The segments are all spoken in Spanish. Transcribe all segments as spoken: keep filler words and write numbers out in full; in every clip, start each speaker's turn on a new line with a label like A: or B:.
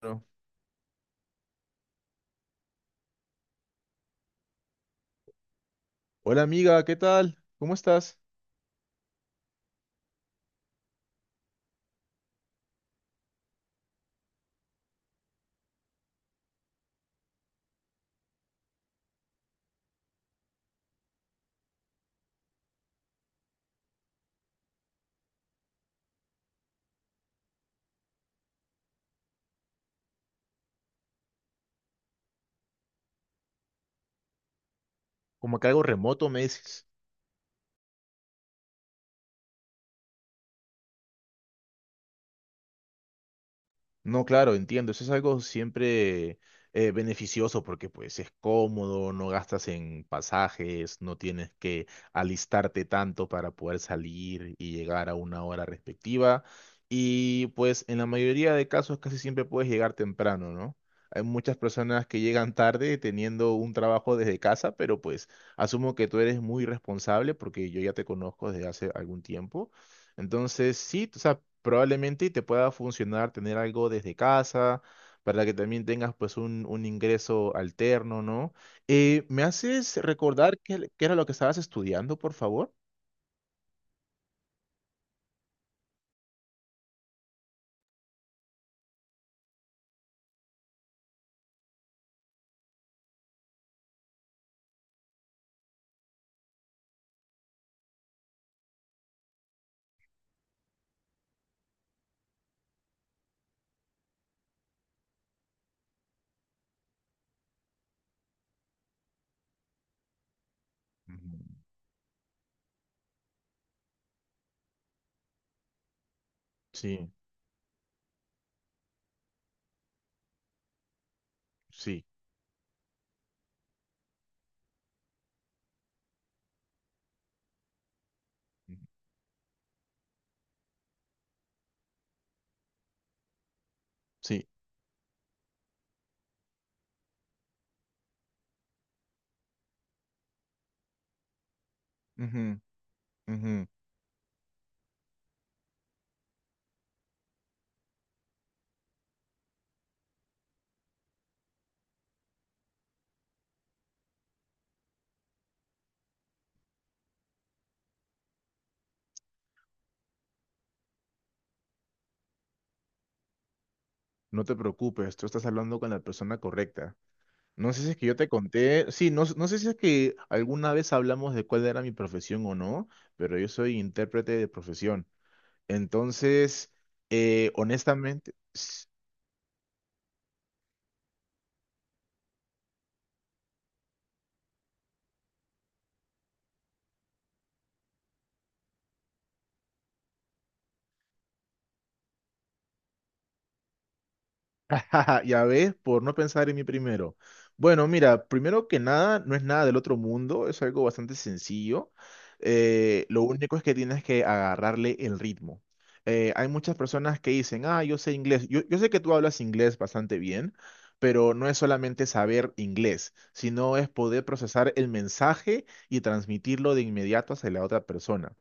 A: Bueno. Hola, amiga, ¿qué tal? ¿Cómo estás? Como que algo remoto me dices. No, claro, entiendo. Eso es algo siempre eh, beneficioso porque pues es cómodo, no gastas en pasajes, no tienes que alistarte tanto para poder salir y llegar a una hora respectiva. Y pues en la mayoría de casos casi siempre puedes llegar temprano, ¿no? Hay muchas personas que llegan tarde teniendo un trabajo desde casa, pero pues asumo que tú eres muy responsable porque yo ya te conozco desde hace algún tiempo. Entonces, sí, o sea, probablemente te pueda funcionar tener algo desde casa para que también tengas pues un, un ingreso alterno, ¿no? Eh, ¿me haces recordar qué, qué era lo que estabas estudiando, por favor? Ujú. Sí, sí, sí. Ujú, ujú. No te preocupes, tú estás hablando con la persona correcta. No sé si es que yo te conté, sí, no, no sé si es que alguna vez hablamos de cuál era mi profesión o no, pero yo soy intérprete de profesión. Entonces, eh, honestamente, s- Ya ves, por no pensar en mí primero. Bueno, mira, primero que nada, no es nada del otro mundo, es algo bastante sencillo. Eh, lo único es que tienes que agarrarle el ritmo. Eh, hay muchas personas que dicen: ah, yo sé inglés. Yo, yo sé que tú hablas inglés bastante bien, pero no es solamente saber inglés, sino es poder procesar el mensaje y transmitirlo de inmediato hacia la otra persona.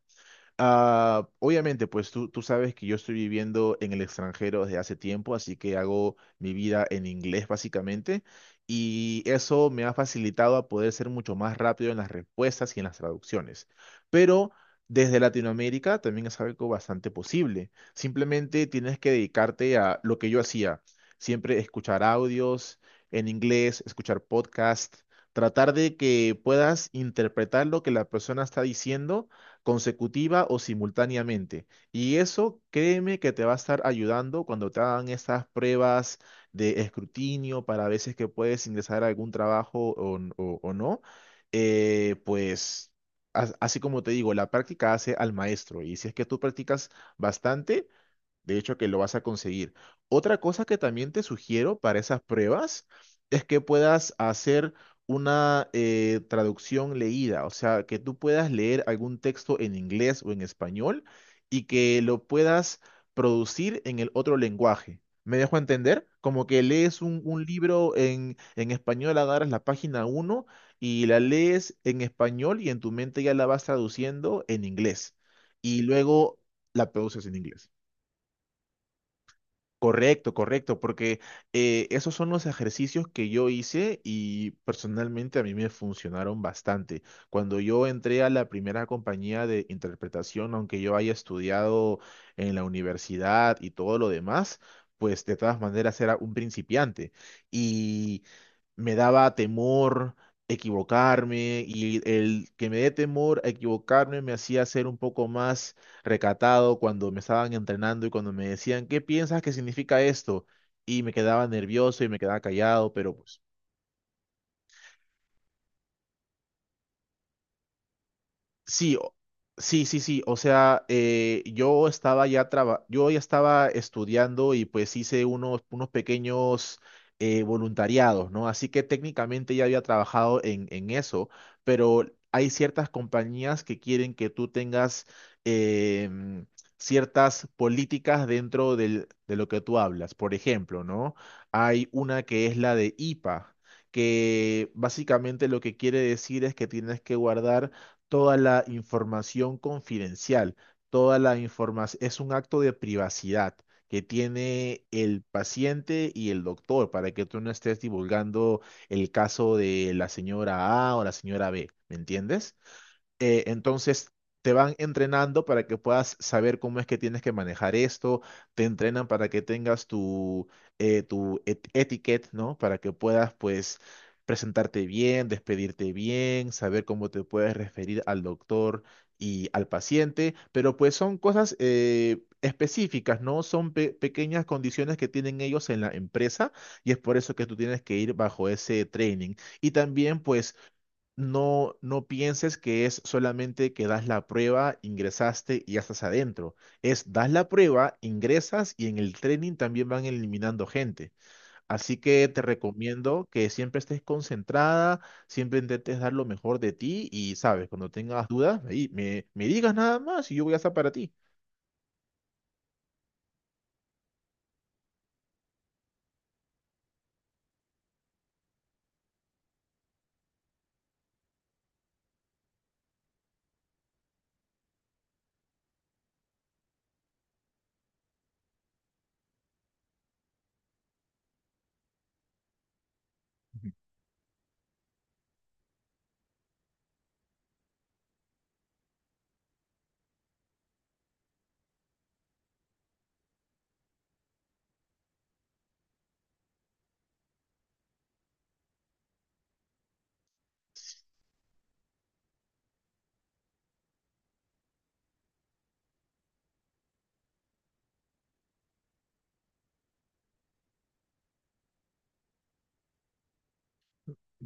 A: Ah, obviamente, pues tú, tú sabes que yo estoy viviendo en el extranjero desde hace tiempo, así que hago mi vida en inglés básicamente, y eso me ha facilitado a poder ser mucho más rápido en las respuestas y en las traducciones. Pero desde Latinoamérica también es algo bastante posible. Simplemente tienes que dedicarte a lo que yo hacía: siempre escuchar audios en inglés, escuchar podcasts, tratar de que puedas interpretar lo que la persona está diciendo consecutiva o simultáneamente. Y eso, créeme que te va a estar ayudando cuando te hagan estas pruebas de escrutinio para veces que puedes ingresar a algún trabajo o n- o- o no. Eh, pues, as- así como te digo, la práctica hace al maestro. Y si es que tú practicas bastante, de hecho, que lo vas a conseguir. Otra cosa que también te sugiero para esas pruebas es que puedas hacer una eh, traducción leída, o sea, que tú puedas leer algún texto en inglés o en español y que lo puedas producir en el otro lenguaje. ¿Me dejo entender? Como que lees un, un libro en, en español, agarras la página uno y la lees en español y en tu mente ya la vas traduciendo en inglés. Y luego la produces en inglés. Correcto, correcto, porque eh, esos son los ejercicios que yo hice y personalmente a mí me funcionaron bastante. Cuando yo entré a la primera compañía de interpretación, aunque yo haya estudiado en la universidad y todo lo demás, pues de todas maneras era un principiante y me daba temor equivocarme, y el que me dé temor a equivocarme me hacía ser un poco más recatado cuando me estaban entrenando y cuando me decían: ¿qué piensas que significa esto? Y me quedaba nervioso y me quedaba callado, pero pues sí, o- sí, sí, sí. O sea, eh, yo estaba ya traba- yo ya estaba estudiando y pues hice unos, unos pequeños eh, voluntariados, ¿no? Así que técnicamente ya había trabajado en, en eso, pero hay ciertas compañías que quieren que tú tengas em, ciertas políticas dentro del- de lo que tú hablas. Por ejemplo, ¿no? Hay una que es la de I P A, que básicamente lo que quiere decir es que tienes que guardar toda la información confidencial, toda la información; es un acto de privacidad que tiene el paciente y el doctor para que tú no estés divulgando el caso de la señora A o la señora be, ¿me entiendes? Eh, entonces te van entrenando para que puedas saber cómo es que tienes que manejar esto, te entrenan para que tengas tu, eh, tu et- etiquette, ¿no? Para que puedas, pues, presentarte bien, despedirte bien, saber cómo te puedes referir al doctor y al paciente, pero pues son cosas eh, específicas, ¿no? Son pe- pequeñas condiciones que tienen ellos en la empresa, y es por eso que tú tienes que ir bajo ese training. Y también, pues, no, no pienses que es solamente que das la prueba, ingresaste y ya estás adentro. Es das la prueba, ingresas, y en el training también van eliminando gente. Así que te recomiendo que siempre estés concentrada, siempre intentes dar lo mejor de ti y, sabes, cuando tengas dudas, ahí me, me digas nada más y yo voy a estar para ti.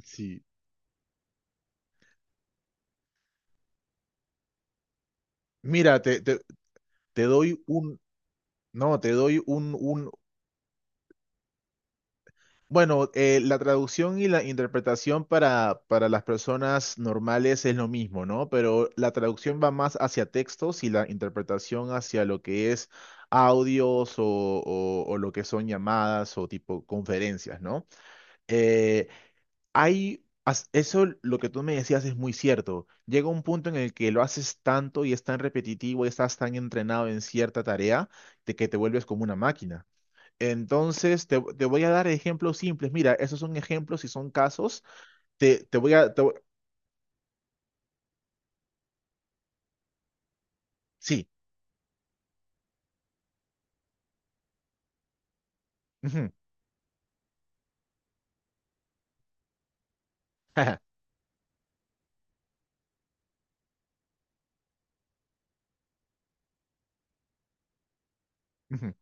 A: Sí. Mira, te, te, te doy un, no, te doy un, un, Bueno, eh, la traducción y la interpretación para, para las personas normales es lo mismo, ¿no? Pero la traducción va más hacia textos y la interpretación hacia lo que es audios o, o- o lo que son llamadas o tipo conferencias, ¿no? Eh, hay, as- Eso lo que tú me decías es muy cierto. Llega un punto en el que lo haces tanto y es tan repetitivo y estás tan entrenado en cierta tarea, de que te vuelves como una máquina. Entonces, te, te voy a dar ejemplos simples. Mira, esos son ejemplos y son casos. Te, te voy a... te voy- Sí. Ujú. Ujú,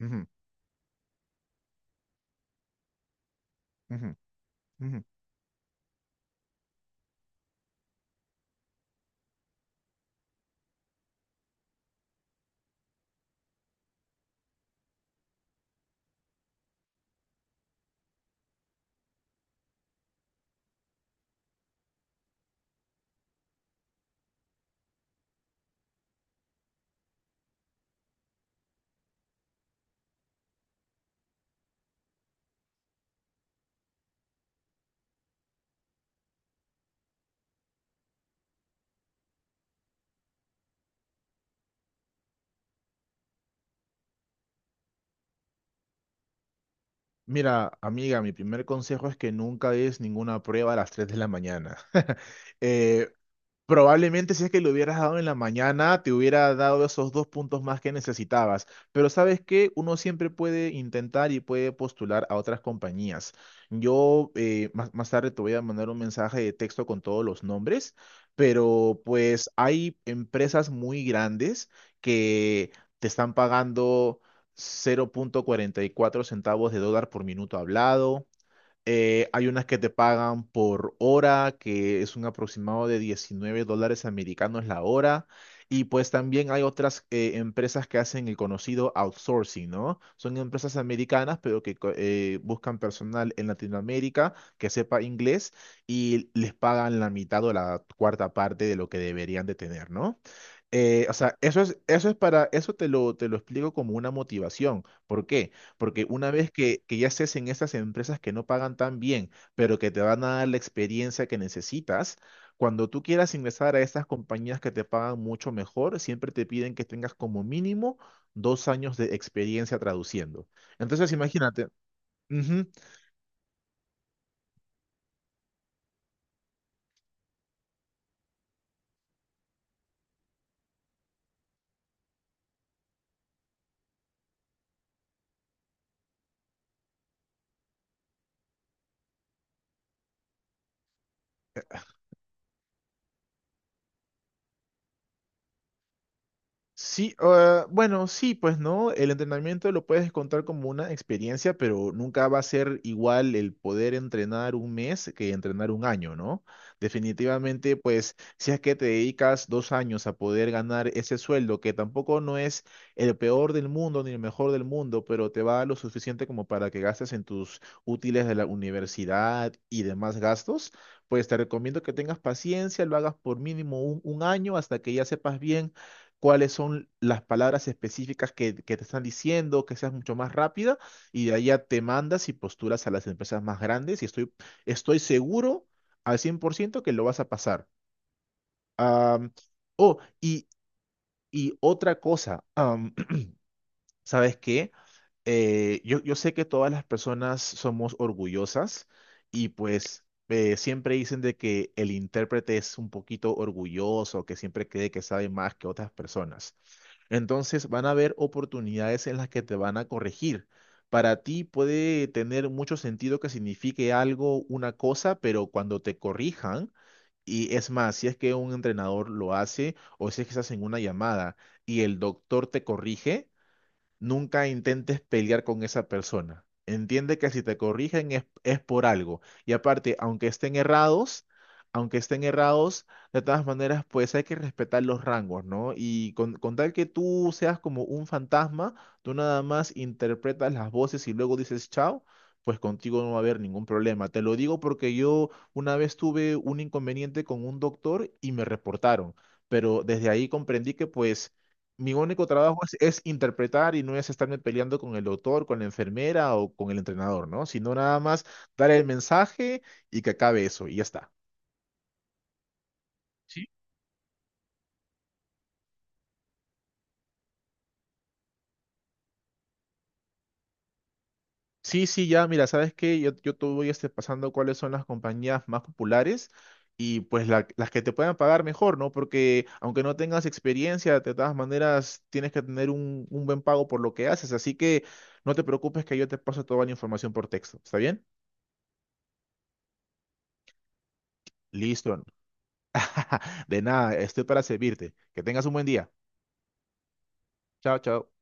A: ujú, ujú, ujú. Mira, amiga, mi primer consejo es que nunca des ninguna prueba a las tres de la mañana. Eh, Probablemente si es que lo hubieras dado en la mañana, te hubiera dado esos dos puntos más que necesitabas. Pero sabes que uno siempre puede intentar y puede postular a otras compañías. Yo, eh, más, más tarde te voy a mandar un mensaje de texto con todos los nombres, pero pues hay empresas muy grandes que te están pagando cero punto cuarenta y cuatro centavos de dólar por minuto hablado. Eh, hay unas que te pagan por hora, que es un aproximado de diecinueve dólares americanos la hora. Y pues también hay otras eh, empresas que hacen el conocido outsourcing, ¿no? Son empresas americanas, pero que co- eh, buscan personal en Latinoamérica que sepa inglés, y les pagan la mitad o la cuarta parte de lo que deberían de tener, ¿no? Eh, o sea, eso es, eso es para, eso te lo, te lo explico como una motivación. ¿Por qué? Porque una vez que, que ya estés en esas empresas que no pagan tan bien, pero que te van a dar la experiencia que necesitas, cuando tú quieras ingresar a estas compañías que te pagan mucho mejor, siempre te piden que tengas como mínimo dos años de experiencia traduciendo. Entonces, imagínate, ujú. Sí, ah, bueno, sí, pues no, el entrenamiento lo puedes contar como una experiencia, pero nunca va a ser igual el poder entrenar un mes que entrenar un año, ¿no? Definitivamente, pues si es que te dedicas dos años a poder ganar ese sueldo, que tampoco no es el peor del mundo ni el mejor del mundo, pero te va lo suficiente como para que gastes en tus útiles de la universidad y demás gastos, pues te recomiendo que tengas paciencia, lo hagas por mínimo un un año hasta que ya sepas bien cuáles son las palabras específicas que, que te están diciendo, que seas mucho más rápida, y de ahí ya te mandas y postulas a las empresas más grandes, y estoy, estoy seguro al cien por ciento que lo vas a pasar. Am, oh, y, y otra cosa, am, ¿sabes qué? Eh, yo, yo sé que todas las personas somos orgullosas y pues eh, siempre dicen de que el intérprete es un poquito orgulloso, que siempre cree que sabe más que otras personas. Entonces van a haber oportunidades en las que te van a corregir. Para ti puede tener mucho sentido que signifique algo, una cosa, pero cuando te corrijan, y es más, si es que un entrenador lo hace o si es que estás en una llamada y el doctor te corrige, nunca intentes pelear con esa persona. Entiende que si te corrigen es, es por algo. Y aparte, aunque estén errados, aunque estén errados, de todas maneras, pues hay que respetar los rangos, ¿no? Y con, con tal que tú seas como un fantasma, tú nada más interpretas las voces y luego dices chao, pues contigo no va a haber ningún problema. Te lo digo porque yo una vez tuve un inconveniente con un doctor y me reportaron, pero desde ahí comprendí que pues mi único trabajo es, es interpretar, y no es estarme peleando con el doctor, con la enfermera o con el entrenador, ¿no?, sino nada más dar el mensaje y que acabe eso y ya está. Sí, sí, sí, ya, mira, ¿sabes qué? Yo, yo te voy este, pasando cuáles son las compañías más populares y pues la- las que te puedan pagar mejor, ¿no? Porque aunque no tengas experiencia, de todas maneras tienes que tener un, un buen pago por lo que haces, así que no te preocupes que yo te paso toda la información por texto, ¿está bien? Listo. De nada, estoy para servirte. Que tengas un buen día. Chao, chao.